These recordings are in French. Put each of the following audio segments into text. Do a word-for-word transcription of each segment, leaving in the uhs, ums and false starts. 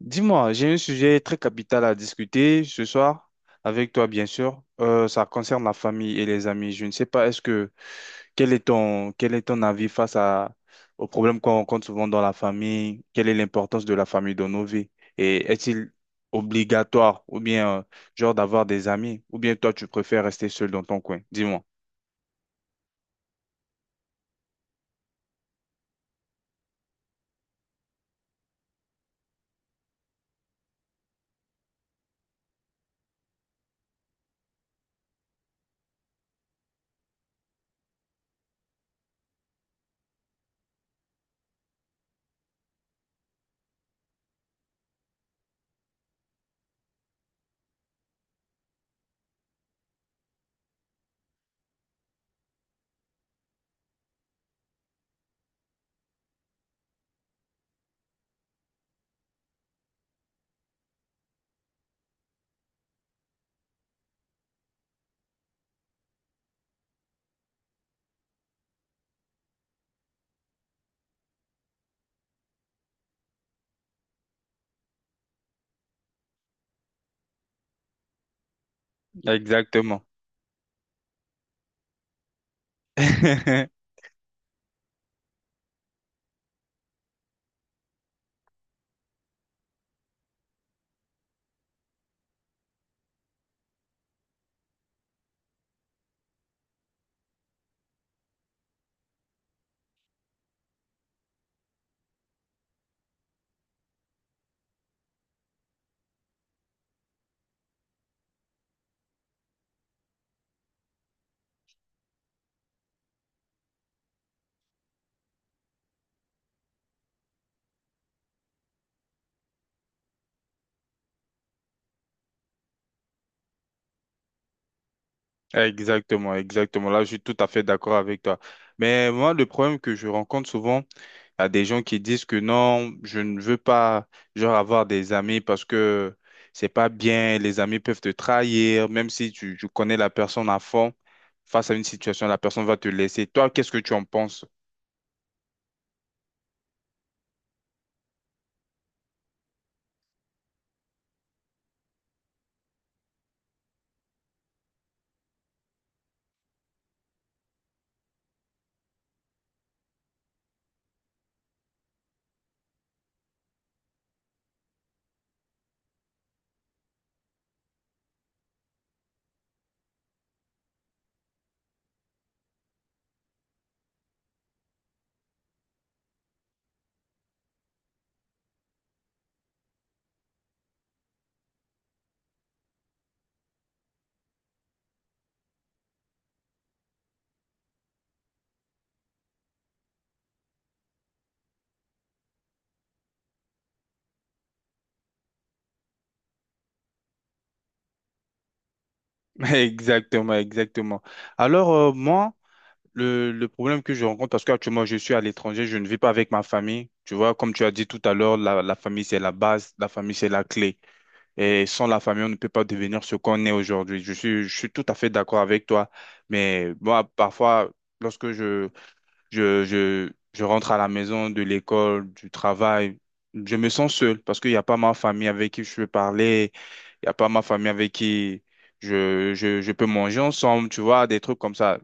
Dis-moi, j'ai un sujet très capital à discuter ce soir avec toi, bien sûr. Euh, ça concerne la famille et les amis. Je ne sais pas, est-ce que quel est ton quel est ton avis face à aux problèmes qu'on rencontre souvent dans la famille? Quelle est l'importance de la famille dans nos vies? Et est-il obligatoire ou bien euh, genre d'avoir des amis? Ou bien toi, tu préfères rester seul dans ton coin? Dis-moi. Exactement. Exactement, exactement. Là, je suis tout à fait d'accord avec toi. Mais moi, le problème que je rencontre souvent, il y a des gens qui disent que non, je ne veux pas, genre, avoir des amis parce que c'est pas bien, les amis peuvent te trahir, même si tu, tu connais la personne à fond, face à une situation, la personne va te laisser. Toi, qu'est-ce que tu en penses? Exactement, exactement. Alors, euh, moi, Le, le problème que je rencontre, parce qu'actuellement je suis à l'étranger, je ne vis pas avec ma famille. Tu vois, comme tu as dit tout à l'heure, la, la famille c'est la base, la famille c'est la clé. Et sans la famille, on ne peut pas devenir ce qu'on est aujourd'hui. Je suis, je suis tout à fait d'accord avec toi. Mais moi, parfois, lorsque je, je, je, je rentre à la maison de l'école, du travail. Je me sens seul parce qu'il n'y a pas ma famille avec qui je peux parler. Il n'y a pas ma famille avec qui je, je, je peux manger ensemble, tu vois, des trucs comme ça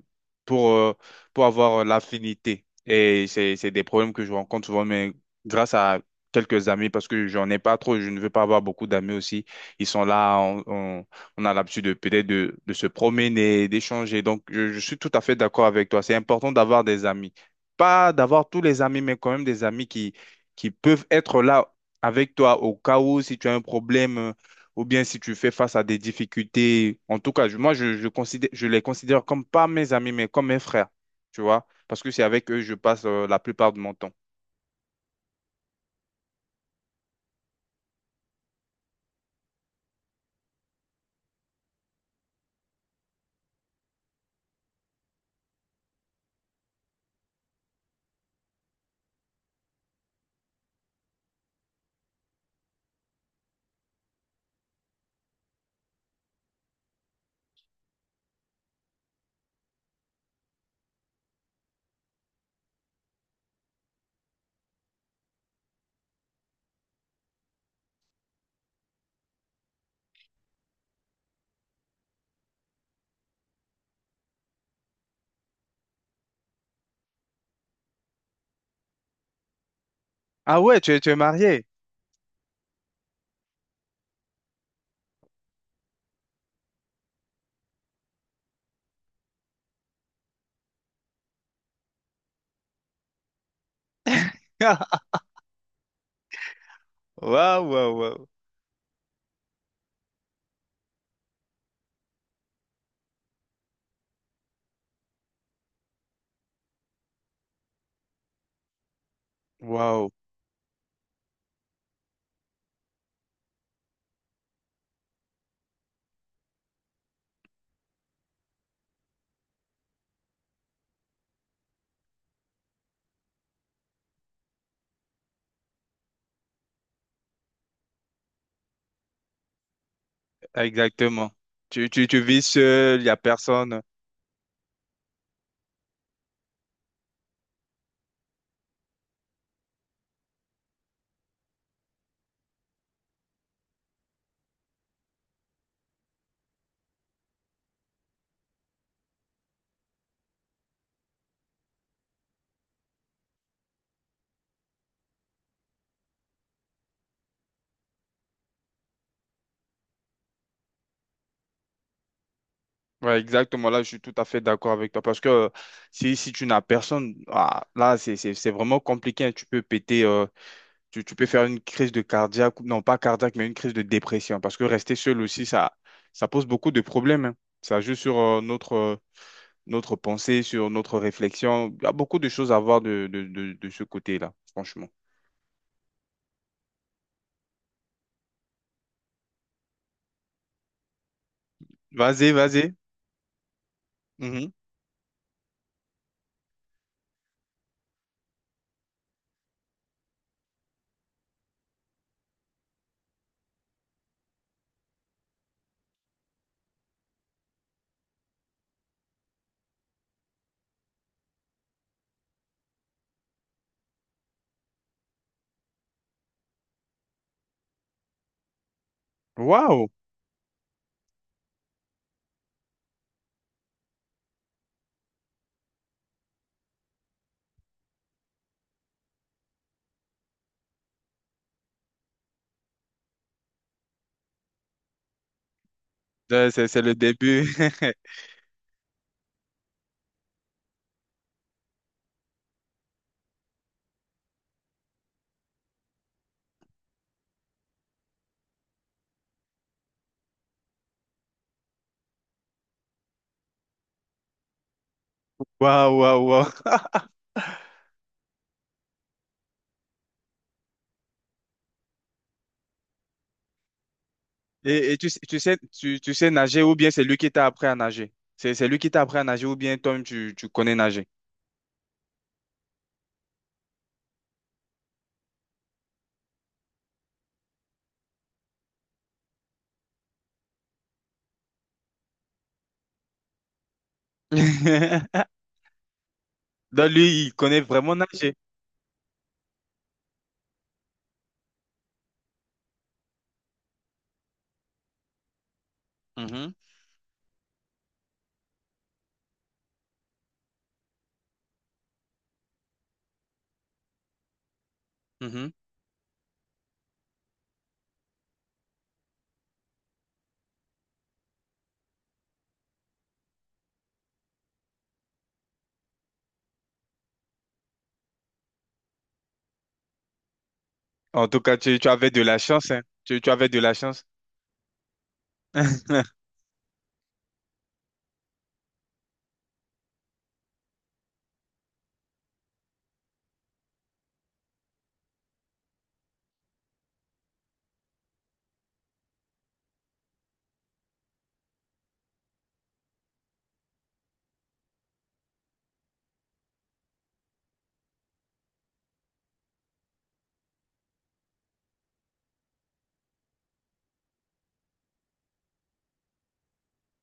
pour, euh, pour avoir l'affinité. Et c'est, c'est des problèmes que je rencontre souvent, mais grâce à quelques amis, parce que j'en ai pas trop, je ne veux pas avoir beaucoup d'amis aussi. Ils sont là, on, on, on a l'habitude de peut-être de, de se promener, d'échanger. Donc, je, je suis tout à fait d'accord avec toi. C'est important d'avoir des amis pas d'avoir tous les amis, mais quand même des amis qui, qui peuvent être là avec toi au cas où si tu as un problème euh, ou bien si tu fais face à des difficultés. En tout cas, je- moi, je, je considère, je les considère comme pas mes amis, mais comme mes frères, tu vois, parce que c'est avec eux que je passe euh, la plupart de mon temps. Ah ouais, tu es, tu es marié. Waouh, waouh, waouh. Waouh, exactement. Tu, tu, tu vis seul, il n'y a personne. Ouais, exactement. Là, je suis tout à fait d'accord avec toi parce que euh, si, si tu n'as personne, ah, là, c'est c'est- c'est vraiment compliqué, hein. Tu peux péter, euh, tu, tu peux faire une crise de cardiaque, ou- non pas cardiaque, mais une crise de dépression parce que rester seul aussi, ça, ça pose beaucoup de problèmes, hein. Ça joue sur euh, notre, euh, notre pensée, sur notre réflexion. Il y a beaucoup de choses à voir de, de, de, de ce côté-là, franchement. Vas-y, vas-y. Mhm. Waouh! Euh, C'est c'est le début. Waouh, waouh, waouh. Et, et tu, sais- tu sais, tu, tu sais nager ou bien c'est lui qui t'a appris à nager? C'est, c'est lui qui t'a appris à nager ou bien toi-même tu, tu connais nager? Donc lui, il connaît vraiment nager. Mhm, mhm. En tout cas, tu, tu avais de la chance, hein. Tu, tu avais de la chance.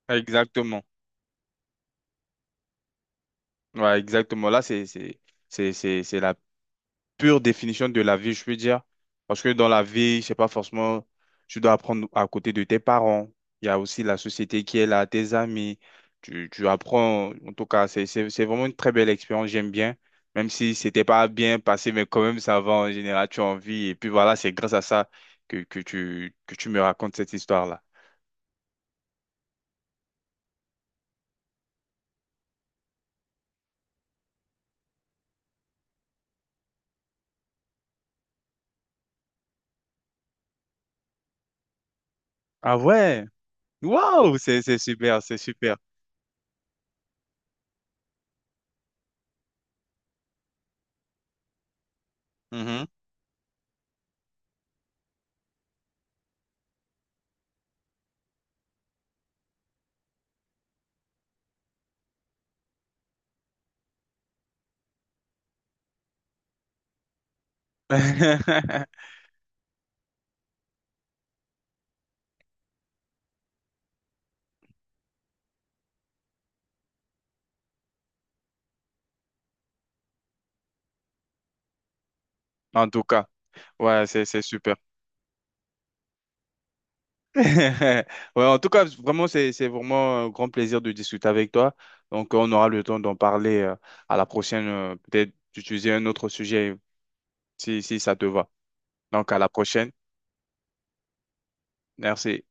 Exactement. Ouais, exactement. Là, c'est, c'est, c'est, c'est, c'est la pure définition de la vie, je peux dire. Parce que dans la vie, c'est pas forcément, tu dois apprendre à côté de tes parents. Il y a aussi la société qui est là, tes amis. Tu, tu apprends, en tout cas, c'est, c'est, c'est vraiment une très belle expérience, j'aime bien. Même si c'était pas bien passé, mais quand même, ça va en général, tu as envie. Et puis voilà, c'est grâce à ça que, que tu, que tu me racontes cette histoire-là. Ah ouais, waouh, c'est, c'est super, c'est super. Mhm. En tout cas, ouais, c'est, c'est super. Ouais, en tout cas, vraiment, c'est, c'est vraiment un grand plaisir de discuter avec toi. Donc, on aura le temps d'en parler euh, à la prochaine, euh, peut-être d'utiliser un autre sujet si, si ça te va. Donc, à la prochaine. Merci.